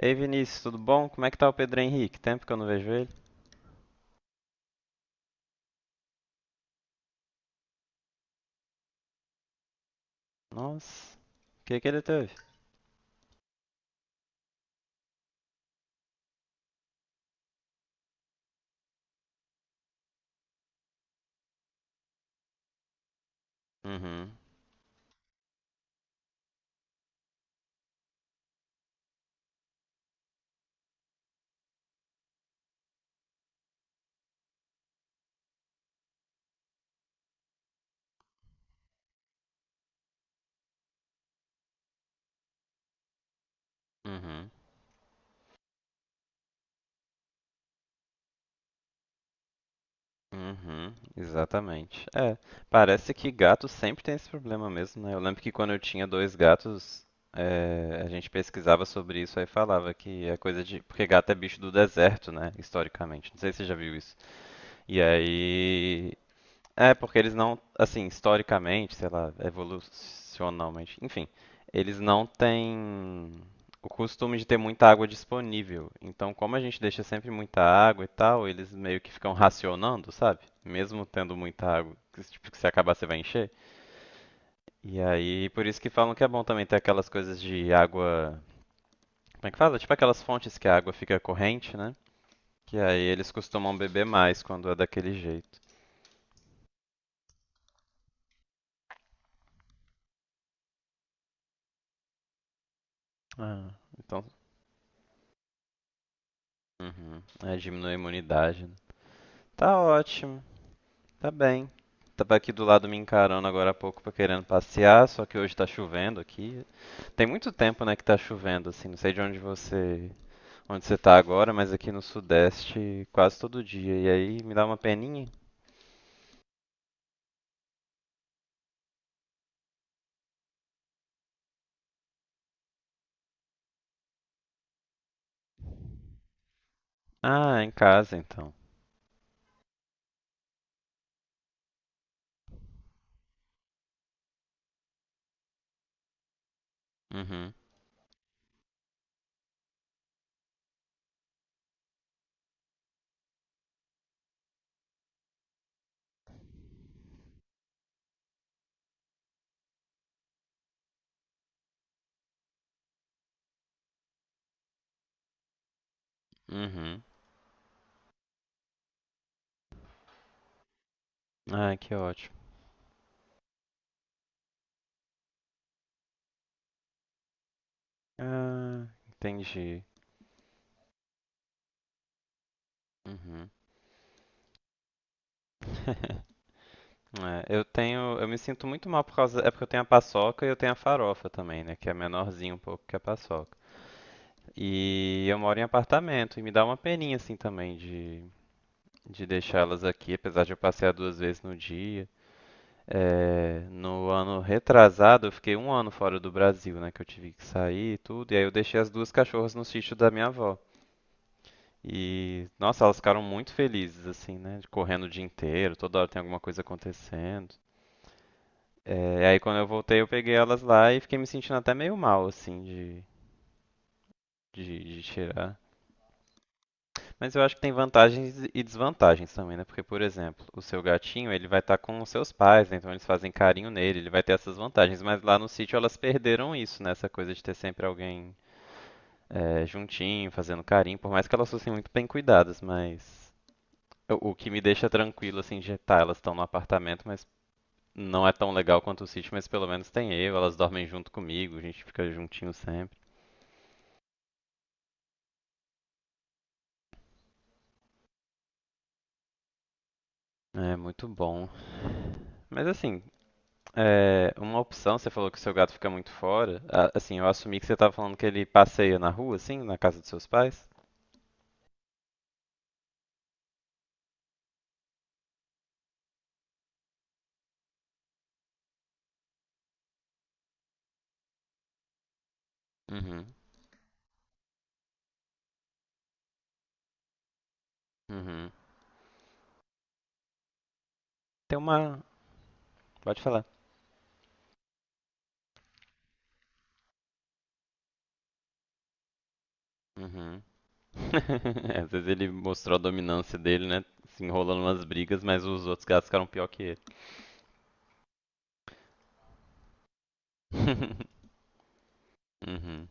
Ei Vinícius, tudo bom? Como é que tá o Pedro Henrique? Tempo que eu não vejo ele. Nossa, o que que ele teve? Uhum, uhum, uhum, exatamente. É, parece que gato sempre tem esse problema mesmo, né? Eu lembro que quando eu tinha dois gatos, é, a gente pesquisava sobre isso aí falava que é coisa de. Porque gato é bicho do deserto, né? Historicamente. Não sei se você já viu isso. E aí é, porque eles não, assim, historicamente, sei lá, evolucionalmente, enfim, eles não têm o costume de ter muita água disponível. Então, como a gente deixa sempre muita água e tal, eles meio que ficam racionando, sabe? Mesmo tendo muita água, que, tipo, que se acabar você vai encher. E aí, por isso que falam que é bom também ter aquelas coisas de água, como é que fala? Tipo aquelas fontes que a água fica corrente, né? Que aí eles costumam beber mais quando é daquele jeito. Ah, então. Uhum. É, diminui a imunidade, né? Tá ótimo, tá bem. Tava aqui do lado me encarando agora há pouco pra querendo passear, só que hoje tá chovendo aqui. Tem muito tempo, né, que tá chovendo, assim. Não sei de onde você tá agora, mas aqui no Sudeste quase todo dia. E aí me dá uma peninha. Ah, em casa então. Uhum, uhum. Ah, que ótimo. Ah, entendi. Uhum. É, eu tenho, eu me sinto muito mal por causa, é porque eu tenho a paçoca e eu tenho a farofa também, né, que é menorzinho um pouco que a paçoca. E eu moro em apartamento e me dá uma peninha assim também de deixá-las aqui, apesar de eu passear duas vezes no dia. É, no ano retrasado, eu fiquei um ano fora do Brasil, né, que eu tive que sair e tudo, e aí eu deixei as duas cachorras no sítio da minha avó. E, nossa, elas ficaram muito felizes, assim, né, de correndo o dia inteiro, toda hora tem alguma coisa acontecendo. É, aí quando eu voltei, eu peguei elas lá e fiquei me sentindo até meio mal, assim, de tirar. Mas eu acho que tem vantagens e desvantagens também, né? Porque, por exemplo, o seu gatinho, ele vai estar com os seus pais, né? Então eles fazem carinho nele, ele vai ter essas vantagens. Mas lá no sítio elas perderam isso, né? Essa coisa de ter sempre alguém é, juntinho, fazendo carinho, por mais que elas fossem muito bem cuidadas, mas o que me deixa tranquilo, assim, de tá, elas estão no apartamento, mas não é tão legal quanto o sítio, mas pelo menos tem eu, elas dormem junto comigo, a gente fica juntinho sempre. É muito bom. Mas assim, é, uma opção, você falou que o seu gato fica muito fora. Assim, eu assumi que você estava falando que ele passeia na rua, assim, na casa dos seus pais. Uhum, uhum. Tem uma. Pode falar. Uhum. É, às vezes ele mostrou a dominância dele, né? Se enrolando nas brigas, mas os outros gatos ficaram pior que ele. Uhum,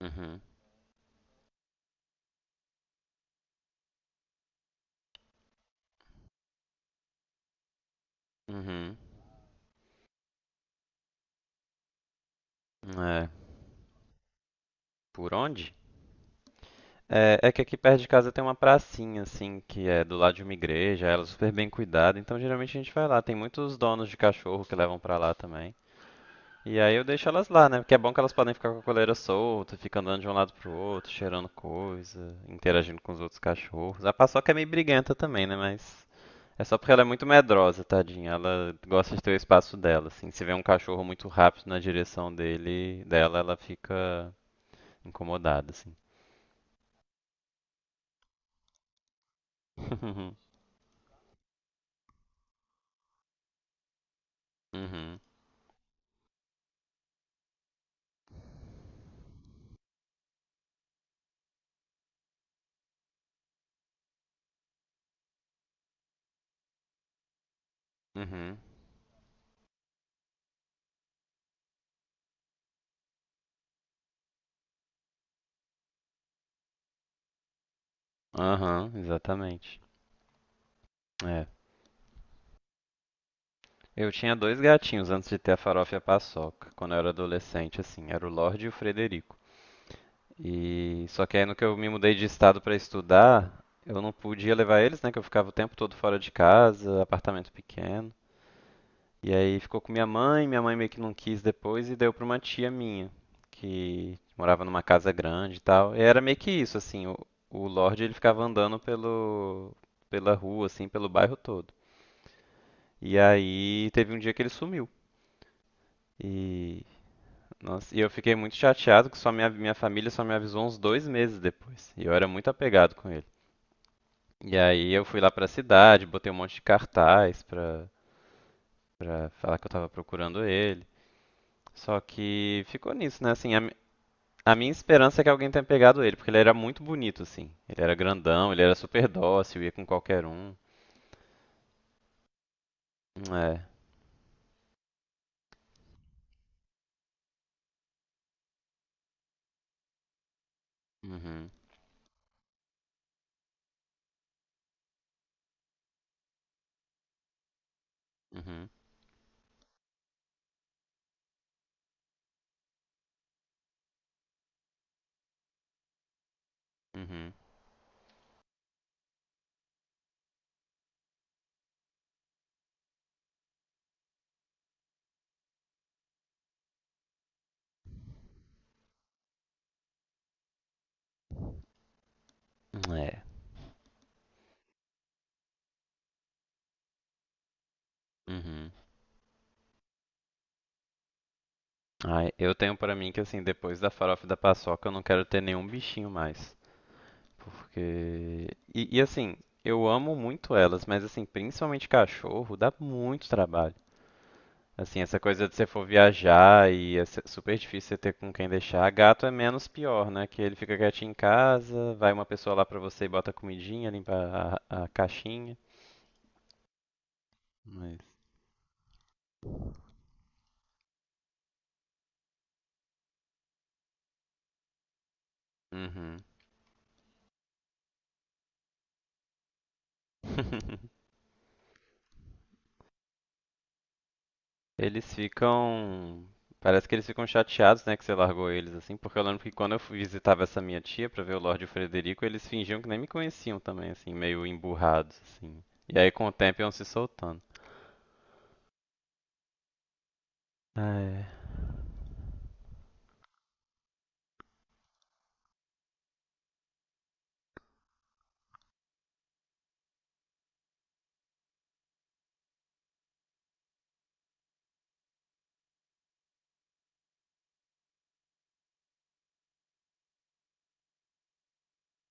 uhum, uhum. Uhum. É, por onde? É, é que aqui perto de casa tem uma pracinha, assim, que é do lado de uma igreja, ela é super bem cuidada, então geralmente a gente vai lá. Tem muitos donos de cachorro que levam pra lá também. E aí eu deixo elas lá, né? Porque é bom que elas podem ficar com a coleira solta, fica andando de um lado pro outro, cheirando coisa, interagindo com os outros cachorros. A paçoca é meio briguenta também, né? Mas é só porque ela é muito medrosa, tadinha. Ela gosta de ter o espaço dela, assim. Se vê um cachorro muito rápido na direção dele, dela, ela fica incomodada, assim. Uhum, uhum. Aham, exatamente. É. Eu tinha dois gatinhos antes de ter a Farofa e a Paçoca, quando eu era adolescente, assim, era o Lorde e o Frederico. E só que aí no que eu me mudei de estado para estudar, eu não podia levar eles, né, que eu ficava o tempo todo fora de casa, apartamento pequeno. E aí ficou com minha mãe meio que não quis depois e deu para uma tia minha, que morava numa casa grande e tal. E era meio que isso, assim, o Lorde ele ficava andando pelo pela rua, assim, pelo bairro todo. E aí teve um dia que ele sumiu. E, nossa, e eu fiquei muito chateado que só minha, minha família só me avisou uns 2 meses depois. E eu era muito apegado com ele. E aí eu fui lá pra cidade, botei um monte de cartaz pra falar que eu tava procurando ele. Só que ficou nisso, né? Assim, a, a minha esperança é que alguém tenha pegado ele, porque ele era muito bonito, assim. Ele era grandão, ele era super dócil, ia com qualquer um. É. Uhum. Uhum. Uhum. É. Uhum. Ai, eu tenho pra mim que assim, depois da farofa e da paçoca, eu não quero ter nenhum bichinho mais. Porque. Assim, eu amo muito elas, mas assim, principalmente cachorro, dá muito trabalho. Assim, essa coisa de você for viajar e é super difícil você ter com quem deixar. Gato é menos pior, né? Que ele fica quietinho em casa, vai uma pessoa lá pra você e bota a comidinha, limpa a caixinha. Mas. Uhum. Eles ficam. Parece que eles ficam chateados, né, que você largou eles, assim, porque eu lembro que quando eu visitava essa minha tia pra ver o Lorde e o Frederico, eles fingiam que nem me conheciam também, assim, meio emburrados, assim. E aí com o tempo iam se soltando. Ah, é.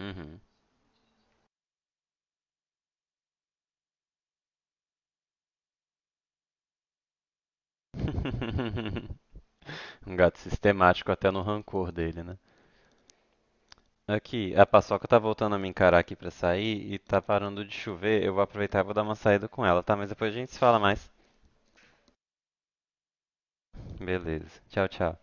Uhum. Um gato sistemático até no rancor dele, né? Aqui, a Paçoca tá voltando a me encarar aqui pra sair e tá parando de chover. Eu vou aproveitar e vou dar uma saída com ela, tá? Mas depois a gente se fala mais. Beleza. Tchau, tchau.